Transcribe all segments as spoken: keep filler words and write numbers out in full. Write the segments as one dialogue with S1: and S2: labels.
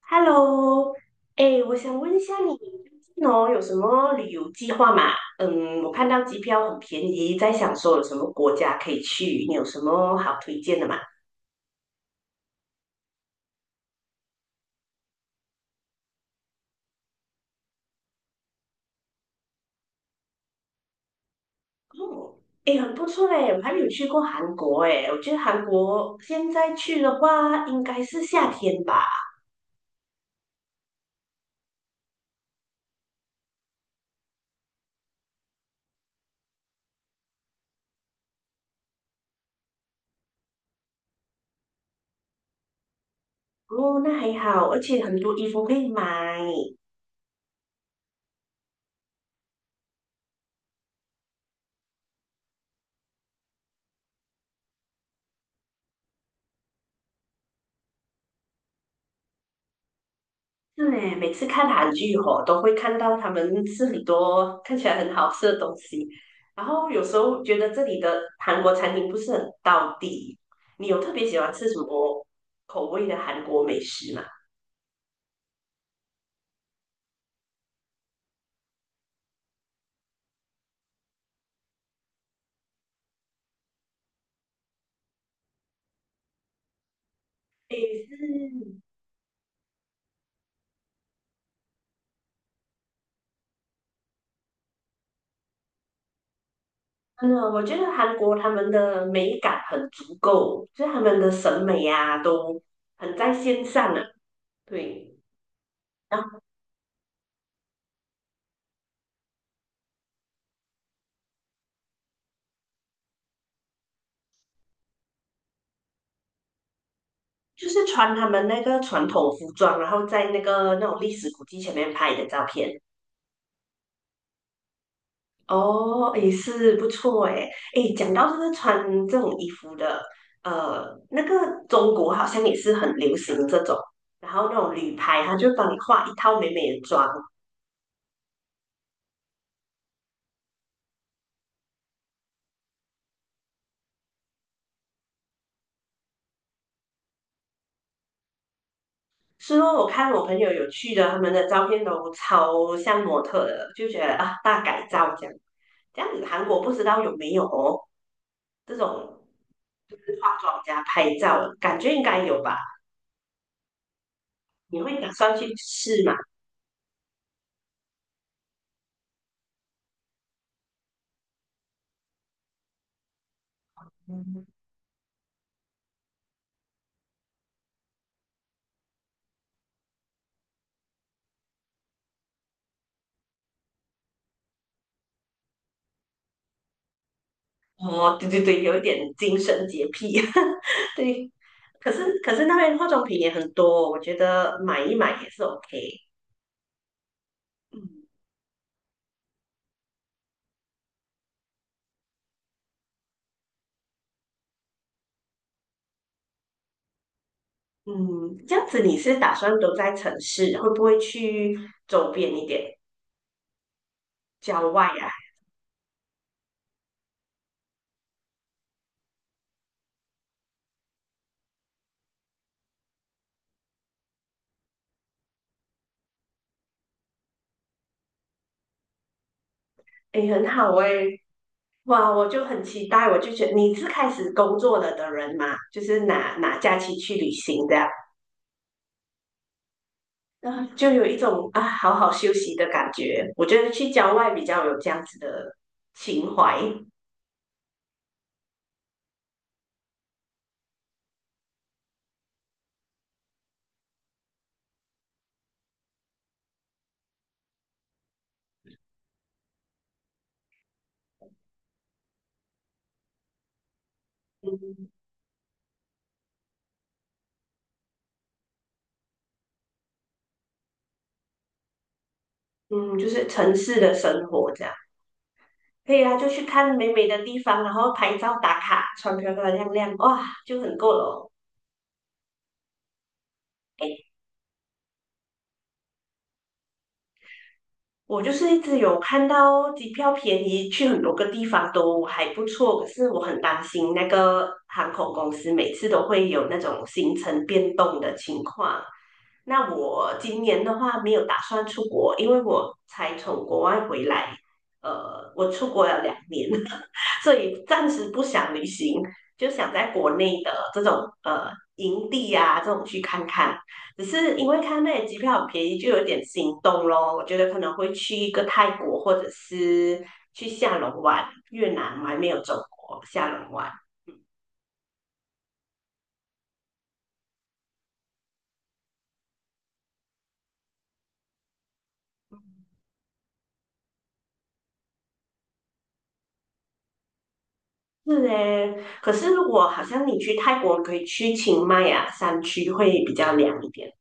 S1: Hello,哎，我想问一下你最近哦有什么旅游计划吗？嗯，我看到机票很便宜，在想说有什么国家可以去，你有什么好推荐的吗？哦，哎，很不错嘞，我还没有去过韩国哎，我觉得韩国现在去的话应该是夏天吧。哦，那还好，而且很多衣服可以买。是呢，每次看韩剧吼，都会看到他们吃很多看起来很好吃的东西，然后有时候觉得这里的韩国餐厅不是很到地。你有特别喜欢吃什么口味的韩国美食吗？诶，是，嗯，我觉得韩国他们的美感很足够，就是他们的审美啊都很在线上啊。对，然后就是穿他们那个传统服装，然后在那个那种历史古迹前面拍的照片。哦，也是不错诶。诶，讲到这个穿这种衣服的，呃，那个中国好像也是很流行这种，然后那种旅拍，他就帮你画一套美美的妆。是哦，我看我朋友有去的，他们的照片都超像模特的，就觉得啊，大改造这样。这样子韩国不知道有没有哦，这种就是化妆加拍照，感觉应该有吧？你会打算去试吗？哦，对对对，有一点精神洁癖，对。可是可是那边化妆品也很多，我觉得买一买也是 OK。嗯嗯，这样子你是打算都在城市，会不会去周边一点郊外啊？诶，很好诶，哇，我就很期待，我就觉得你是开始工作了的人嘛，就是拿拿假期去旅行这样，啊，就有一种啊好好休息的感觉。我觉得去郊外比较有这样子的情怀。嗯嗯，就是城市的生活这样。可以啊，就去看美美的地方，然后拍照打卡，穿漂漂亮亮，哇，就很够了哦。我就是一直有看到机票便宜，去很多个地方都还不错，可是我很担心那个航空公司每次都会有那种行程变动的情况。那我今年的话没有打算出国，因为我才从国外回来，呃，我出国了两年，所以暂时不想旅行，就想在国内的这种呃营地啊这种去看看。只是因为看那里机票很便宜，就有点心动咯。我觉得可能会去一个泰国，或者是去下龙湾、越南，我还没有走过下龙湾。嗯，是嘞。可是如果好像你去泰国，可以去清迈啊山区会比较凉一点。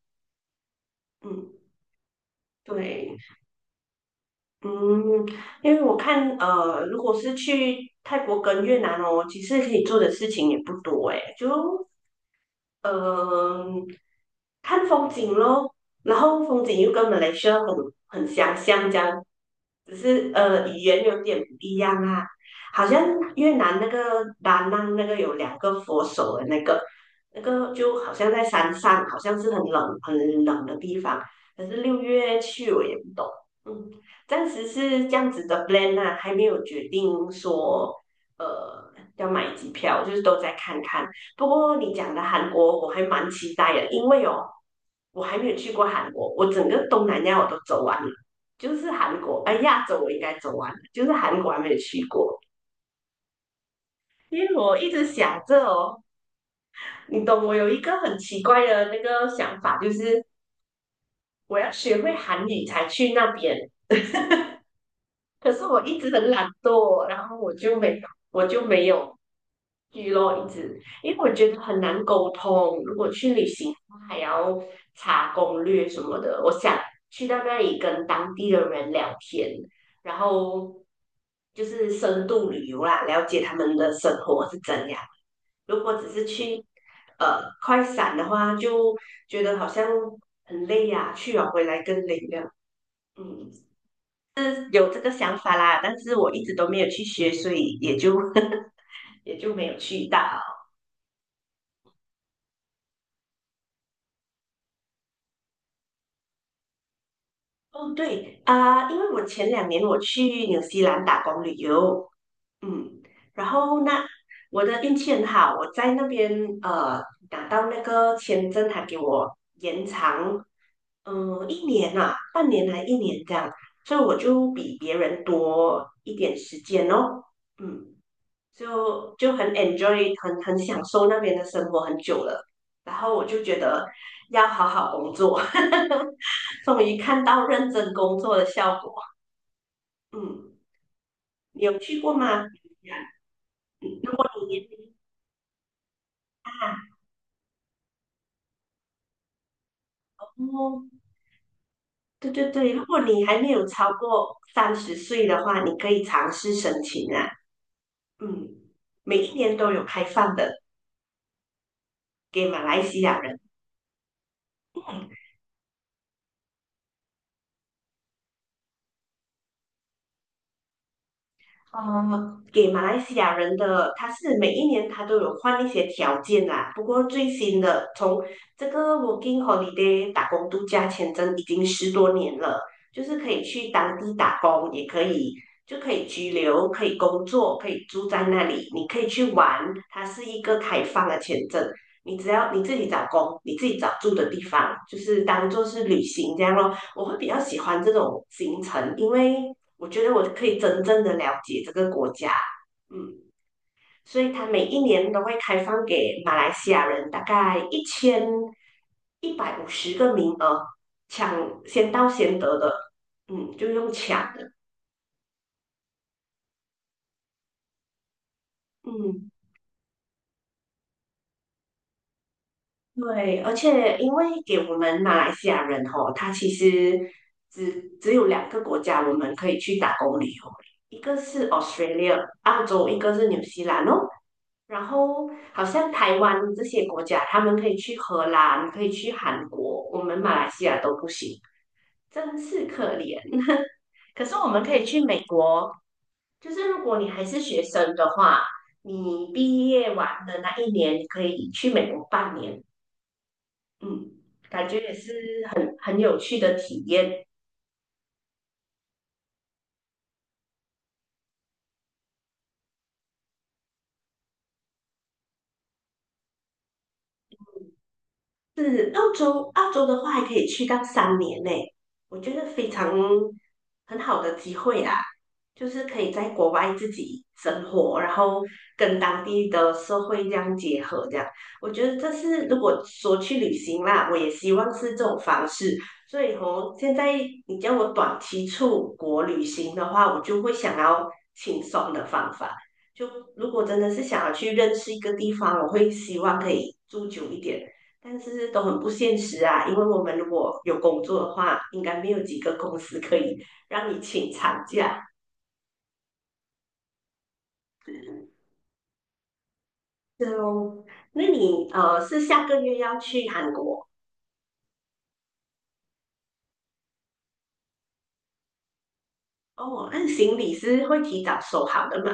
S1: 嗯，对。嗯，因为我看，呃，如果是去泰国跟越南哦，其实可以做的事情也不多诶，就嗯，看风景咯，然后风景又跟马来西亚很很相像，这样，只是呃语言有点不一样啊。好像越南那个达 n 那个有两个佛手的那个，那个就好像在山上，好像是很冷很冷的地方。可是六月去我也不懂，嗯，暂时是这样子的 plan 啊，还没有决定说呃要买机票，就是都在看看。不过你讲的韩国我还蛮期待的，因为哦，我还没有去过韩国，我整个东南亚我都走完了，就是韩国，哎，亚洲我应该走完了，就是韩国还没有去过。因为我一直想着哦，你懂，我有一个很奇怪的那个想法，就是我要学会韩语才去那边。可是我一直很懒惰，然后我就没有，我就没有去咯，一直，因为我觉得很难沟通。如果去旅行，还要查攻略什么的，我想去到那里跟当地的人聊天，然后就是深度旅游啦，了解他们的生活是怎样。如果只是去呃快闪的话，就觉得好像很累呀、去了回来更累这样。嗯。有这个想法啦，但是我一直都没有去学，所以也就 也就没有去到。哦，对啊，因为我前两年我去纽西兰打工旅游，嗯，然后那我的运气很好，我在那边呃拿到那个签证，还给我延长，嗯、一年啊，半年还一年这样，所以我就比别人多一点时间哦，嗯。就就很 enjoy，很很享受那边的生活很久了。然后我就觉得要好好工作，终于看到认真工作的效果。嗯，你有去过吗？嗯如果你年大哦，对对对，如果你还没有超过三十岁的话，你可以尝试申请啊。嗯，每一年都有开放的给马来西亚人。呃，给马来西亚人的，他是每一年他都有换一些条件啦。不过最新的，从这个 Working Holiday 打工度假签证已经十多年了，就是可以去当地打工，也可以就可以居留，可以工作，可以住在那里，你可以去玩。它是一个开放的签证，你只要你自己找工，你自己找住的地方，就是当做是旅行这样咯。我会比较喜欢这种行程，因为我觉得我可以真正的了解这个国家，嗯，所以它每一年都会开放给马来西亚人大概一千一百五十个名额，抢先到先得的，嗯，就用抢的，嗯，对，而且因为给我们马来西亚人哦，他其实只只有两个国家我们可以去打工旅游，一个是 Australia 澳洲，一个是纽西兰哦。然后好像台湾这些国家，他们可以去荷兰，可以去韩国，我们马来西亚都不行，真是可怜。可是我们可以去美国，就是如果你还是学生的话，你毕业完的那一年，你可以去美国半年，嗯，感觉也是很有趣的体验。是澳洲，澳洲的话还可以去到三年呢，我觉得非常很好的机会啦，就是可以在国外自己生活，然后跟当地的社会这样结合，这样我觉得这是如果说去旅行啦，我也希望是这种方式。所以哦，现在你叫我短期出国旅行的话，我就会想要轻松的方法。就如果真的是想要去认识一个地方，我会希望可以住久一点。但是都很不现实啊，因为我们如果有工作的话，应该没有几个公司可以让你请长假。哦。那你呃是下个月要去韩国哦？那行李是会提早收好的吗？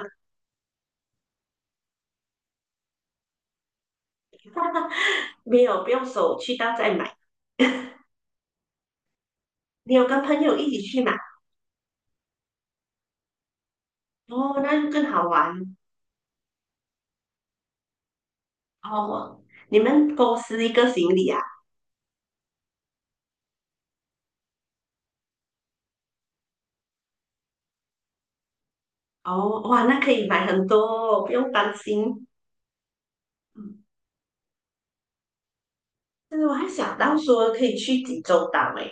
S1: 没有，不用收，去到再买。你有跟朋友一起去吗？哦，那就更好玩哦。你们公司一个行李啊？哦，哇，那可以买很多哦，不用担心。嗯，但是我还想到说可以去济州岛诶，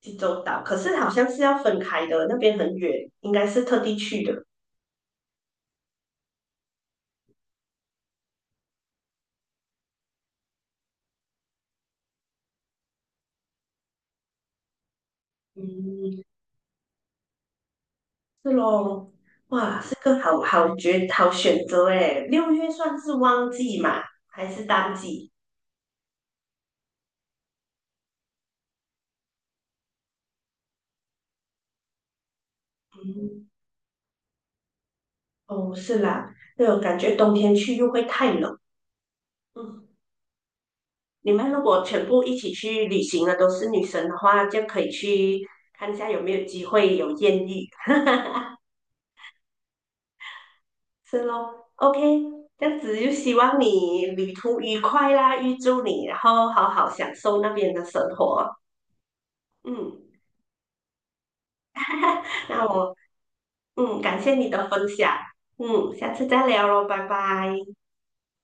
S1: 济州岛，可是好像是要分开的，那边很远，应该是特地去的。嗯，是咯，哇，是个好好绝好选择诶。六月算是旺季嘛，还是淡季？嗯，哦，是啦，对哦，我感觉冬天去又会太冷。嗯，你们如果全部一起去旅行的都是女生的话，就可以去看一下有没有机会有艳遇。是咯，OK，这样子就希望你旅途愉快啦，预祝你，然后好好享受那边的生活。嗯，那我嗯感谢你的分享，嗯，下次再聊喽，拜拜。